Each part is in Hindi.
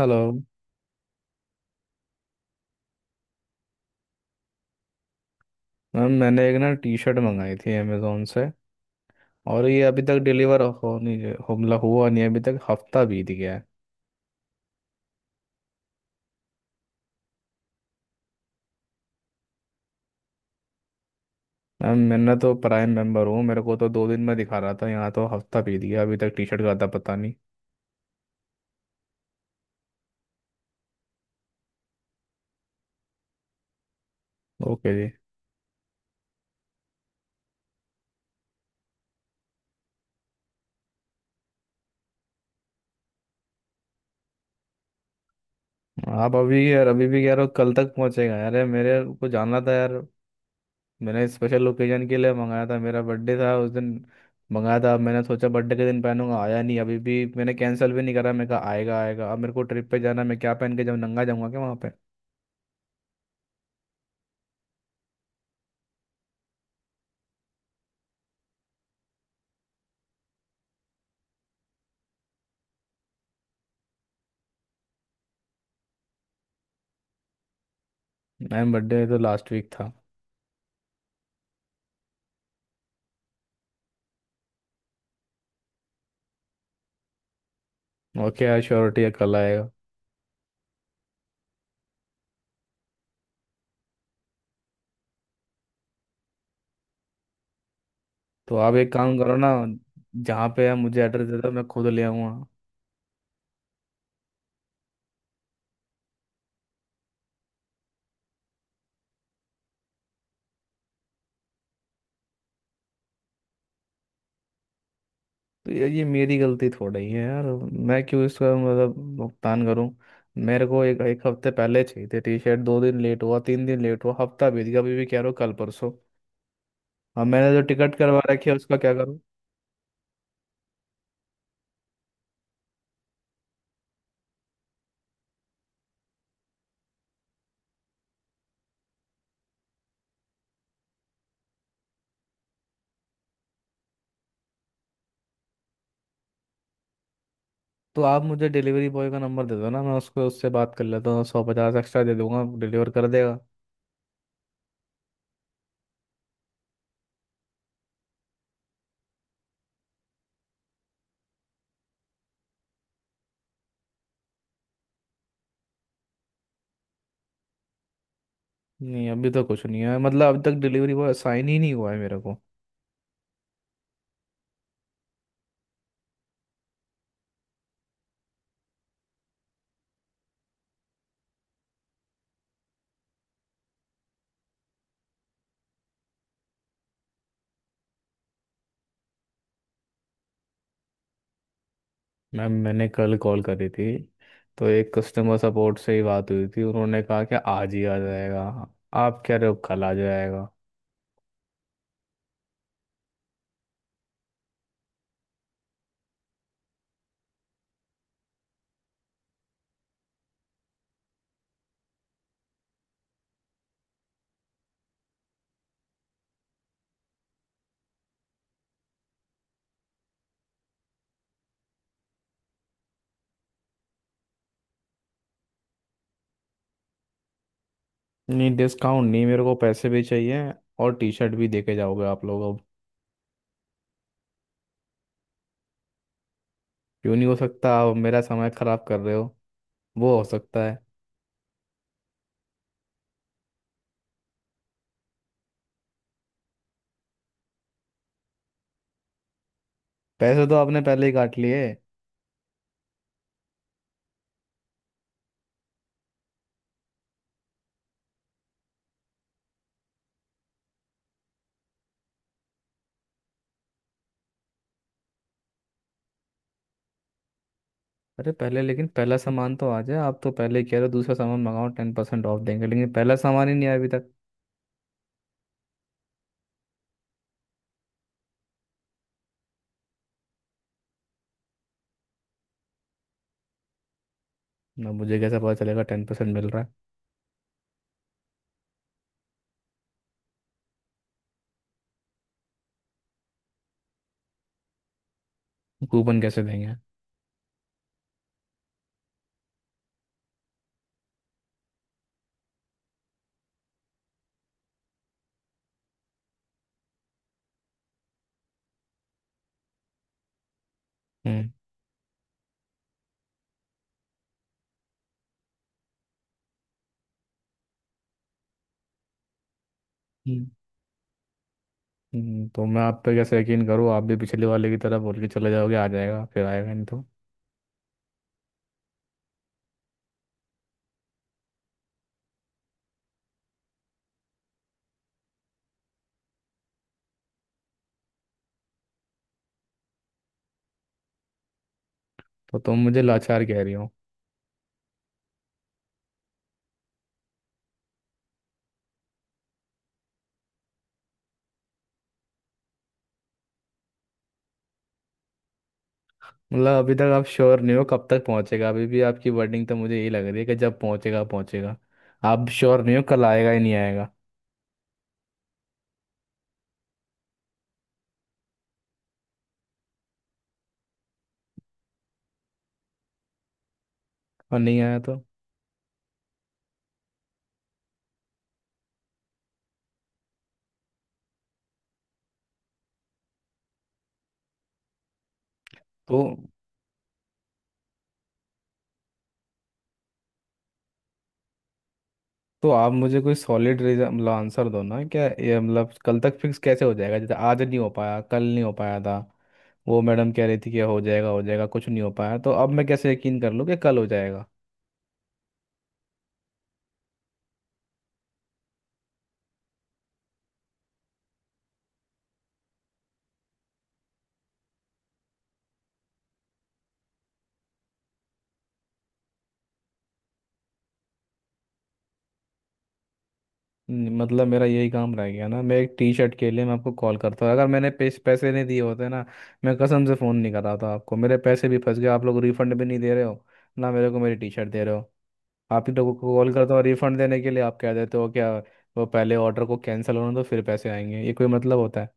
हेलो मैम, मैंने एक ना टी शर्ट मंगाई थी अमेजोन से, और ये अभी तक डिलीवर हो नहीं हो मतलब हुआ नहीं। अभी तक हफ्ता बीत गया है। मैम, मैंने तो प्राइम मेंबर हूँ, मेरे को तो 2 दिन में दिखा रहा था, यहाँ तो हफ्ता बीत गया, अभी तक टी शर्ट का आता पता नहीं। ओके जी। आप अभी यार अभी भी कह रहे हो कल तक पहुँचेगा यार, ये मेरे को जानना था यार। मैंने स्पेशल ओकेजन के लिए मंगाया था, मेरा बर्थडे था उस दिन मंगाया था, मैंने सोचा बर्थडे के दिन पहनूंगा, आया नहीं। अभी भी मैंने कैंसिल भी नहीं करा, मैं कहा आएगा आएगा, अब मेरे को ट्रिप पे जाना है, मैं क्या पहन के, जब नंगा जाऊंगा क्या वहाँ पे। मैम बर्थडे तो लास्ट वीक था। ओके यार, श्योरिटी है कल आएगा? तो आप एक काम करो ना, जहाँ पे आप मुझे एड्रेस दे दो, मैं खुद ले आऊँगा। तो ये मेरी गलती थोड़ा ही है यार। मैं क्यों इसका मतलब भुगतान करूँ? मेरे को एक एक हफ्ते पहले चाहिए थे टी शर्ट, 2 दिन लेट हुआ, 3 दिन लेट हुआ, हफ्ता बीत गया, अभी भी कह रहे हो कल परसों। अब मैंने जो टिकट करवा रखी है उसका क्या करूँ? तो आप मुझे डिलीवरी बॉय का नंबर दे दो ना, मैं उसको, उससे बात कर लेता हूँ, 150 एक्स्ट्रा दे दूंगा, डिलीवर कर देगा। नहीं, अभी तक कुछ नहीं है, मतलब अभी तक डिलीवरी बॉय साइन ही नहीं हुआ है मेरे को। मैम मैंने कल कॉल करी थी, तो एक कस्टमर सपोर्ट से ही बात हुई थी, उन्होंने कहा कि आज ही आ जाएगा, आप कह रहे हो कल आ जाएगा। नहीं, डिस्काउंट नहीं, मेरे को पैसे भी चाहिए और टी शर्ट भी, देके जाओगे आप लोग अब। क्यों नहीं हो सकता? आप मेरा समय खराब कर रहे हो, वो हो सकता है। पैसे तो आपने पहले ही काट लिए। अरे पहले, लेकिन पहला सामान तो आ जाए, आप तो पहले ही कह रहे हो दूसरा सामान मंगाओ 10% ऑफ देंगे, लेकिन पहला सामान ही नहीं आया अभी तक। ना, मुझे कैसे पता चलेगा 10% मिल रहा है? कूपन कैसे देंगे? हम्म। हम्म, तो मैं आप पे कैसे यकीन करूँ? आप भी पिछले वाले की तरह बोल के चले जाओगे, आ जाएगा, फिर आएगा नहीं तो? तो तुम मुझे लाचार कह रही हो? मतलब अभी तक आप श्योर नहीं हो कब तक पहुंचेगा? अभी भी आपकी वर्डिंग तो मुझे यही लग रही है कि जब पहुंचेगा पहुंचेगा। आप श्योर नहीं हो, कल आएगा ही नहीं आएगा? और नहीं आया तो तो आप मुझे कोई सॉलिड रीजन मतलब आंसर दो ना, क्या ये मतलब कल तक फिक्स कैसे हो जाएगा, जैसे आज नहीं हो पाया, कल नहीं हो पाया था, वो मैडम कह रही थी कि हो जाएगा हो जाएगा, कुछ नहीं हो पाया, तो अब मैं कैसे यकीन कर लूँ कि कल हो जाएगा? मतलब मेरा यही काम रह गया ना, मैं एक टी शर्ट के लिए मैं आपको कॉल करता हूँ? अगर मैंने पैसे नहीं दिए होते ना, मैं कसम से फ़ोन नहीं कर रहा था आपको। मेरे पैसे भी फंस गए, आप लोग रिफंड भी नहीं दे रहे हो, ना मेरे को मेरी टी शर्ट दे रहे हो। आप ही लोगों को कॉल करता हूँ रिफंड देने के लिए, आप कह देते हो क्या वो पहले ऑर्डर को कैंसिल होने दो फिर पैसे आएंगे, ये कोई मतलब होता है?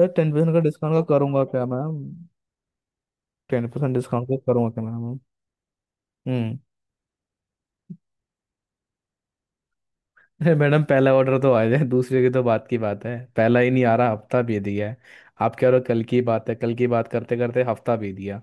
सर, 10% का डिस्काउंट का करूंगा क्या मैम? 10% डिस्काउंट का करूंगा क्या मैम? हम्म। अरे मैडम, पहला ऑर्डर तो आ जाए, दूसरे की तो बात की बात है, पहला ही नहीं आ रहा, हफ्ता भी दिया है। आप कह रहे हो कल की बात है, कल की बात करते करते हफ्ता भी दिया।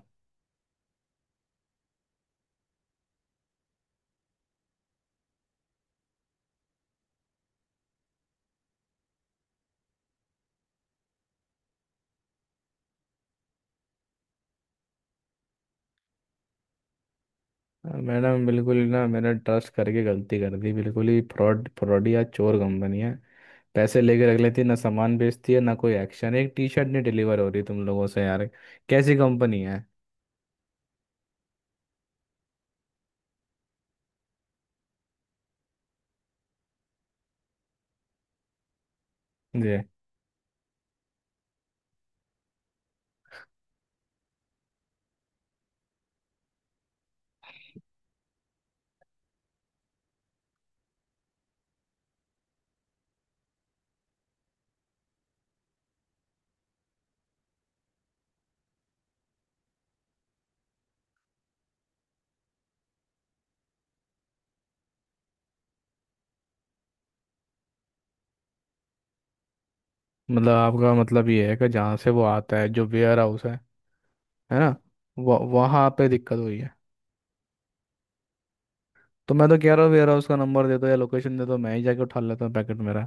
हाँ, मैडम, बिल्कुल ना, मैंने ट्रस्ट करके गलती कर दी, बिल्कुल ही फ्रॉड फ्रॉडी या चोर कंपनी है। पैसे लेके रख लेती है, ना सामान बेचती है, ना कोई एक्शन, एक टी शर्ट नहीं डिलीवर हो रही तुम लोगों से यार। कैसी कंपनी है? जी। मतलब आपका मतलब ये है कि जहाँ से वो आता है जो वेयर हाउस है ना? वह वहाँ पे दिक्कत हुई है। तो मैं तो कह रहा हूँ वेयर हाउस का नंबर दे दो या लोकेशन दे दो, मैं ही जाके उठा लेता हूँ पैकेट मेरा।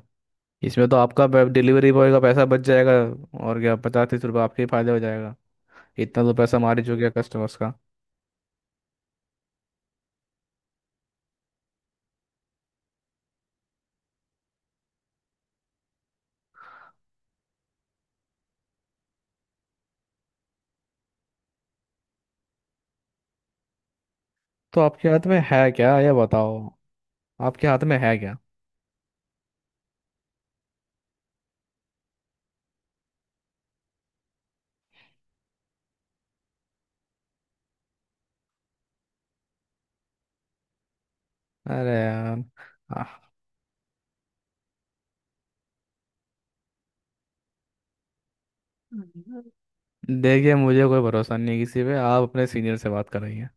इसमें तो आपका डिलीवरी बॉय का पैसा बच जाएगा, और क्या, 50-30 रुपये आपके ही फायदे हो जाएगा। इतना तो पैसा मार ही चुके कस्टमर्स का। तो आपके हाथ में है क्या ये बताओ। आपके हाथ में है क्या? अरे यार। आह, देखिए मुझे कोई भरोसा नहीं किसी पे, आप अपने सीनियर से बात कर रही हैं।